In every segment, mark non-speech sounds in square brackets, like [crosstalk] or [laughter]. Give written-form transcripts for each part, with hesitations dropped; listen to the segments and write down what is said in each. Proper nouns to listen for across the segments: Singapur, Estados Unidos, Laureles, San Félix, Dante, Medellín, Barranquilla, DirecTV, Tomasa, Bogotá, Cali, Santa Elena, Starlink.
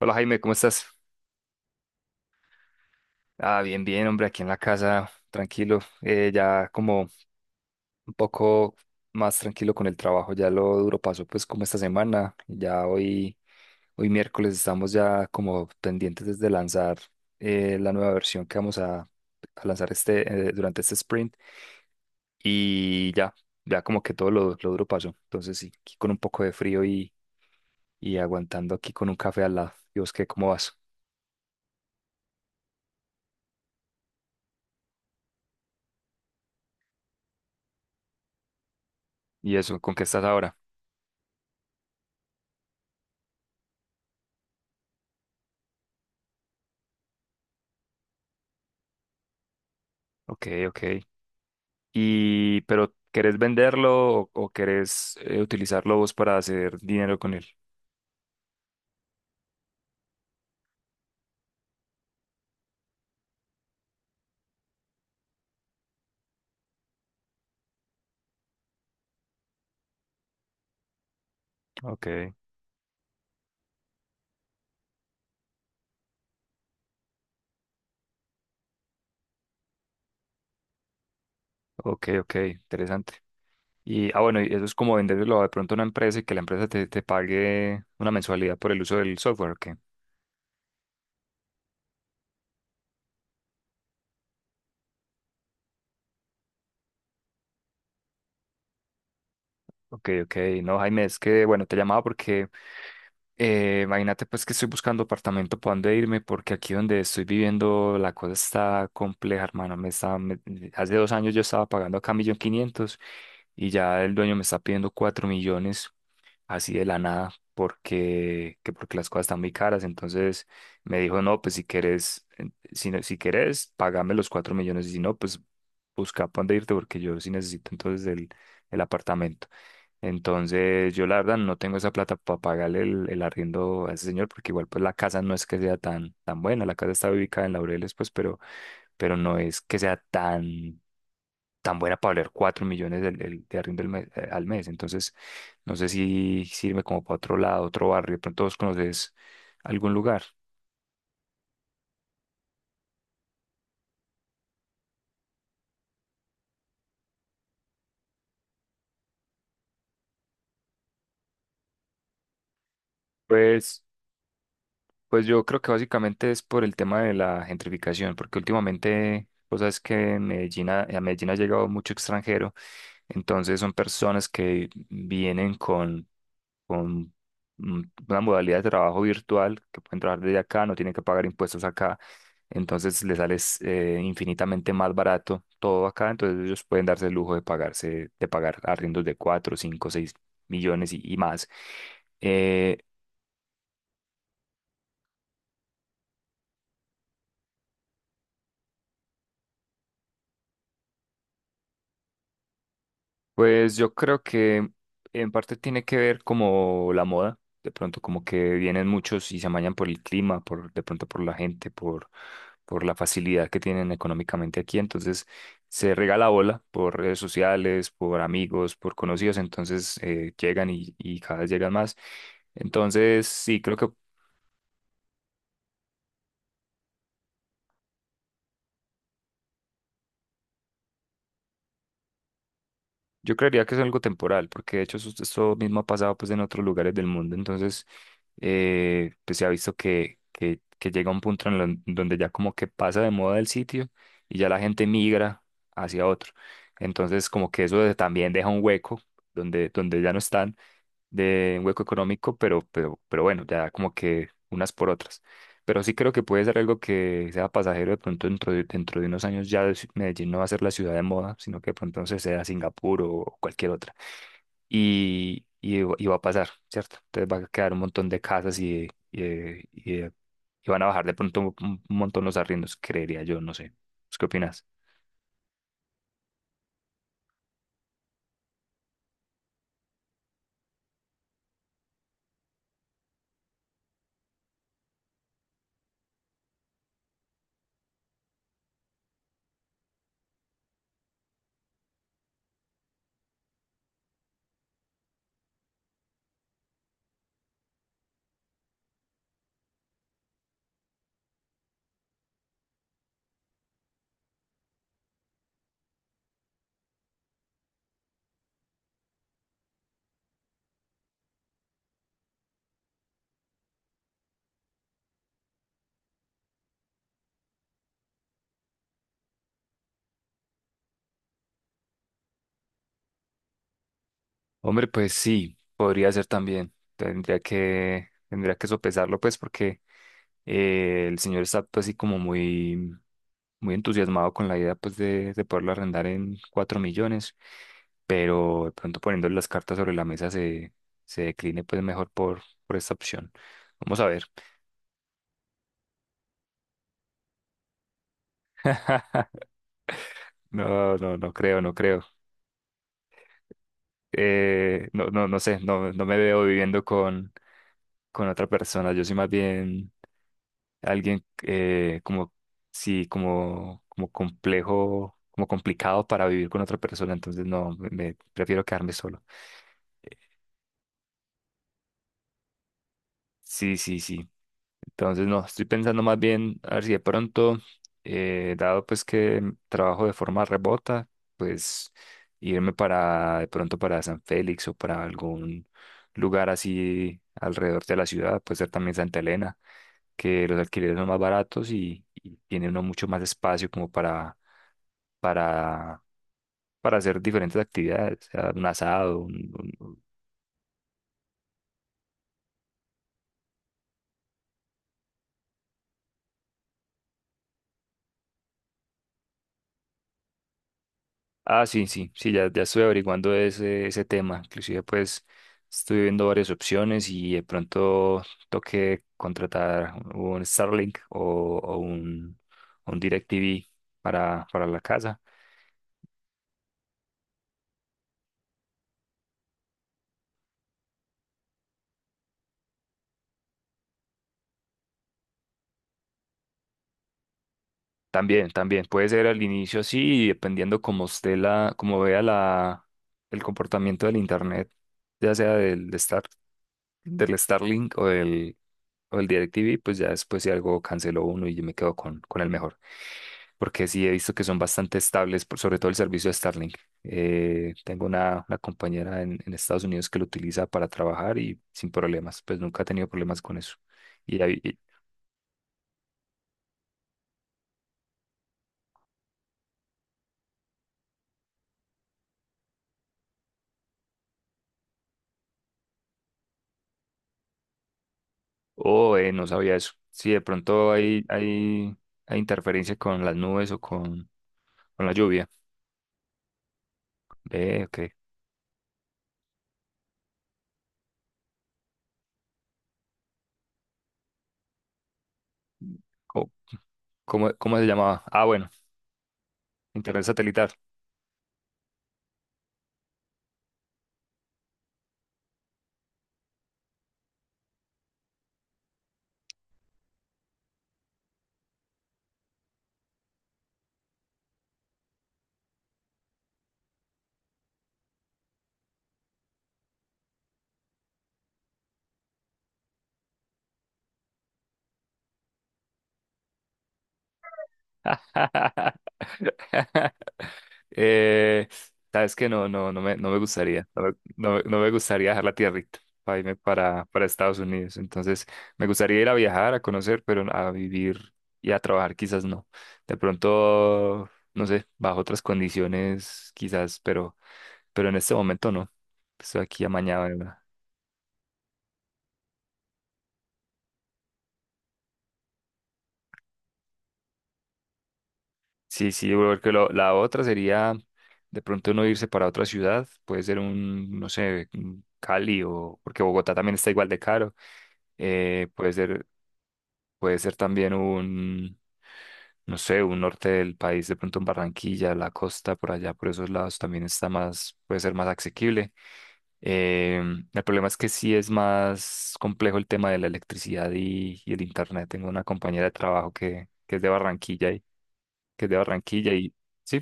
Hola Jaime, ¿cómo estás? Ah, bien, bien, hombre, aquí en la casa, tranquilo, ya como un poco más tranquilo con el trabajo, ya lo duro pasó pues como esta semana, ya hoy miércoles estamos ya como pendientes de lanzar la nueva versión que vamos a lanzar este, durante este sprint y ya como que todo lo duro pasó, entonces sí, aquí con un poco de frío y aguantando aquí con un café al lado. ¿Y vos qué, cómo vas? ¿Y eso, con qué estás ahora? Ok, ok. Y pero querés venderlo o querés utilizarlo vos para hacer dinero con él. Ok, ok, ok, interesante. Y, ah, bueno, y eso es como venderlo de pronto a una empresa y que la empresa te pague una mensualidad por el uso del software, ok. Ok, ok, no, Jaime, es que, bueno, te llamaba porque imagínate pues que estoy buscando apartamento para dónde irme porque aquí donde estoy viviendo la cosa está compleja, hermano. Hace 2 años yo estaba pagando acá 1.500.000, y ya el dueño me está pidiendo 4 millones así de la nada porque, que porque las cosas están muy caras. Entonces me dijo, no, pues si quieres, si quieres, págame los 4 millones y si no, pues busca para dónde irte porque yo sí necesito entonces el apartamento. Entonces yo la verdad no tengo esa plata para pagarle el arriendo a ese señor porque igual pues la casa no es que sea tan, tan buena, la casa está ubicada en Laureles pues, pero no es que sea tan tan buena para valer 4 millones arriendo al mes. Entonces, no sé si sirve como para otro lado, otro barrio. De pronto vos conoces algún lugar. Pues, pues yo creo que básicamente es por el tema de la gentrificación, porque últimamente, vos sabes que en Medellín, a Medellín ha llegado mucho extranjero, entonces son personas que vienen con con mm, una modalidad de trabajo virtual que pueden trabajar desde acá, no tienen que pagar impuestos acá, entonces les sale infinitamente más barato todo acá, entonces ellos pueden darse el lujo de pagar arriendos de 4, 5, 6 millones y más. Eh, Pues yo creo que en parte tiene que ver como la moda, de pronto como que vienen muchos y se amañan por el clima, por de pronto por la gente, por la facilidad que tienen económicamente aquí, entonces se regala bola por redes sociales, por amigos, por conocidos, entonces llegan y cada vez llegan más. Entonces, sí, creo que yo creería que es algo temporal, porque de hecho esto mismo ha pasado pues en otros lugares del mundo, entonces pues se ha visto que llega un punto donde ya como que pasa de moda el sitio y ya la gente migra hacia otro. Entonces como que también deja un hueco donde ya no están de un hueco económico, pero bueno, ya como que unas por otras. Pero sí creo que puede ser algo que sea pasajero de pronto dentro de unos años Medellín no va a ser la ciudad de moda, sino que de pronto se sea Singapur o cualquier otra. Va a pasar, ¿cierto? Entonces va a quedar un montón de casas y van a bajar de pronto un montón los arriendos, creería yo, no sé. ¿Pues qué opinas? Hombre, pues sí, podría ser también. Tendría que sopesarlo, pues, porque el señor está pues, así como muy, muy entusiasmado con la idea pues de poderlo arrendar en 4 millones, pero de pronto poniendo las cartas sobre la mesa se decline pues mejor por esta opción. Vamos a ver. [laughs] No, no, no creo, no creo. No, no, no sé, no, no me veo viviendo con otra persona. Yo soy más bien alguien sí, como complejo, como complicado para vivir con otra persona, entonces no, prefiero quedarme solo. Sí, sí, sí. Entonces, no, estoy pensando más bien a ver si de pronto, dado pues que trabajo de forma remota, pues irme para de pronto para San Félix o para algún lugar así alrededor de la ciudad, puede ser también Santa Elena, que los alquileres son más baratos y tiene uno mucho más espacio como para, para hacer diferentes actividades, o sea, un asado. Ah, sí, sí, sí, ya estoy averiguando ese tema. Inclusive, pues, estoy viendo varias opciones y de pronto toque contratar un Starlink o un DirecTV para la casa. También, también, puede ser al inicio así, y dependiendo cómo esté la, cómo vea la, el comportamiento del internet, ya sea del Starlink o del DirecTV, pues ya después si algo canceló uno y yo me quedo con el mejor. Porque sí he visto que son bastante estables, sobre todo el servicio de Starlink. Tengo una compañera en Estados Unidos que lo utiliza para trabajar y sin problemas, pues nunca ha tenido problemas con eso. Y, ahí- y- oh, no sabía eso. Sí, de pronto hay interferencia con las nubes o con la lluvia. Ok. Co- ¿Cómo se llamaba? Ah, bueno, internet satelital. [laughs] Eh, sabes que no me gustaría dejar la tierrita para irme para Estados Unidos. Entonces, me gustaría ir a viajar, a conocer, pero a vivir y a trabajar quizás no. De pronto, no sé, bajo otras condiciones quizás, pero en este momento no. Estoy aquí amañado. Sí, sí, porque la otra sería de pronto uno irse para otra ciudad, puede ser un, no sé, un Cali o, porque Bogotá también está igual de caro, eh, puede ser, puede ser también un, no sé, un norte del país, de pronto en Barranquilla, la costa, por allá, por esos lados también está más, puede ser más asequible. El problema es que sí es más complejo el tema de la electricidad y el internet. Tengo una compañera de trabajo que es de Barranquilla y que es de Barranquilla y sí.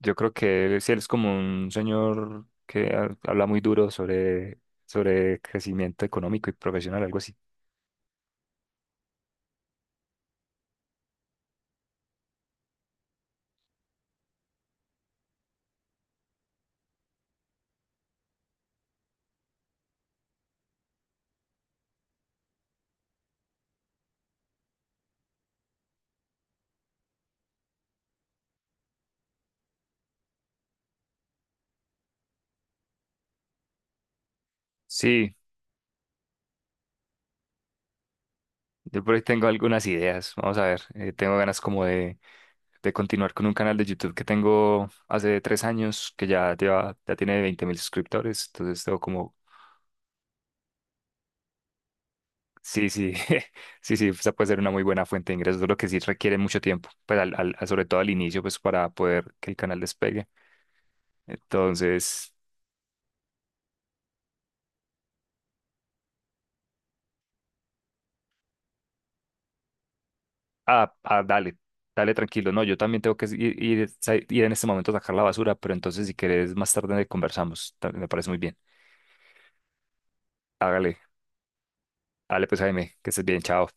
Yo creo que él, sí, él es como un señor que habla muy duro sobre crecimiento económico y profesional, algo así. Sí, yo por ahí tengo algunas ideas. Vamos a ver, tengo ganas como de continuar con un canal de YouTube que tengo hace 3 años, que ya tiene 20.000 suscriptores. Entonces tengo como, sí, sí, [laughs] sí, sí, esa puede ser una muy buena fuente de ingresos, lo que sí requiere mucho tiempo, pues sobre todo al inicio, pues para poder que el canal despegue. Entonces. Ah, ah, dale, dale tranquilo. No, yo también tengo que ir en este momento a sacar la basura, pero entonces si quieres más tarde conversamos. Me parece muy bien. Hágale, hágale pues Jaime, que estés bien, chao.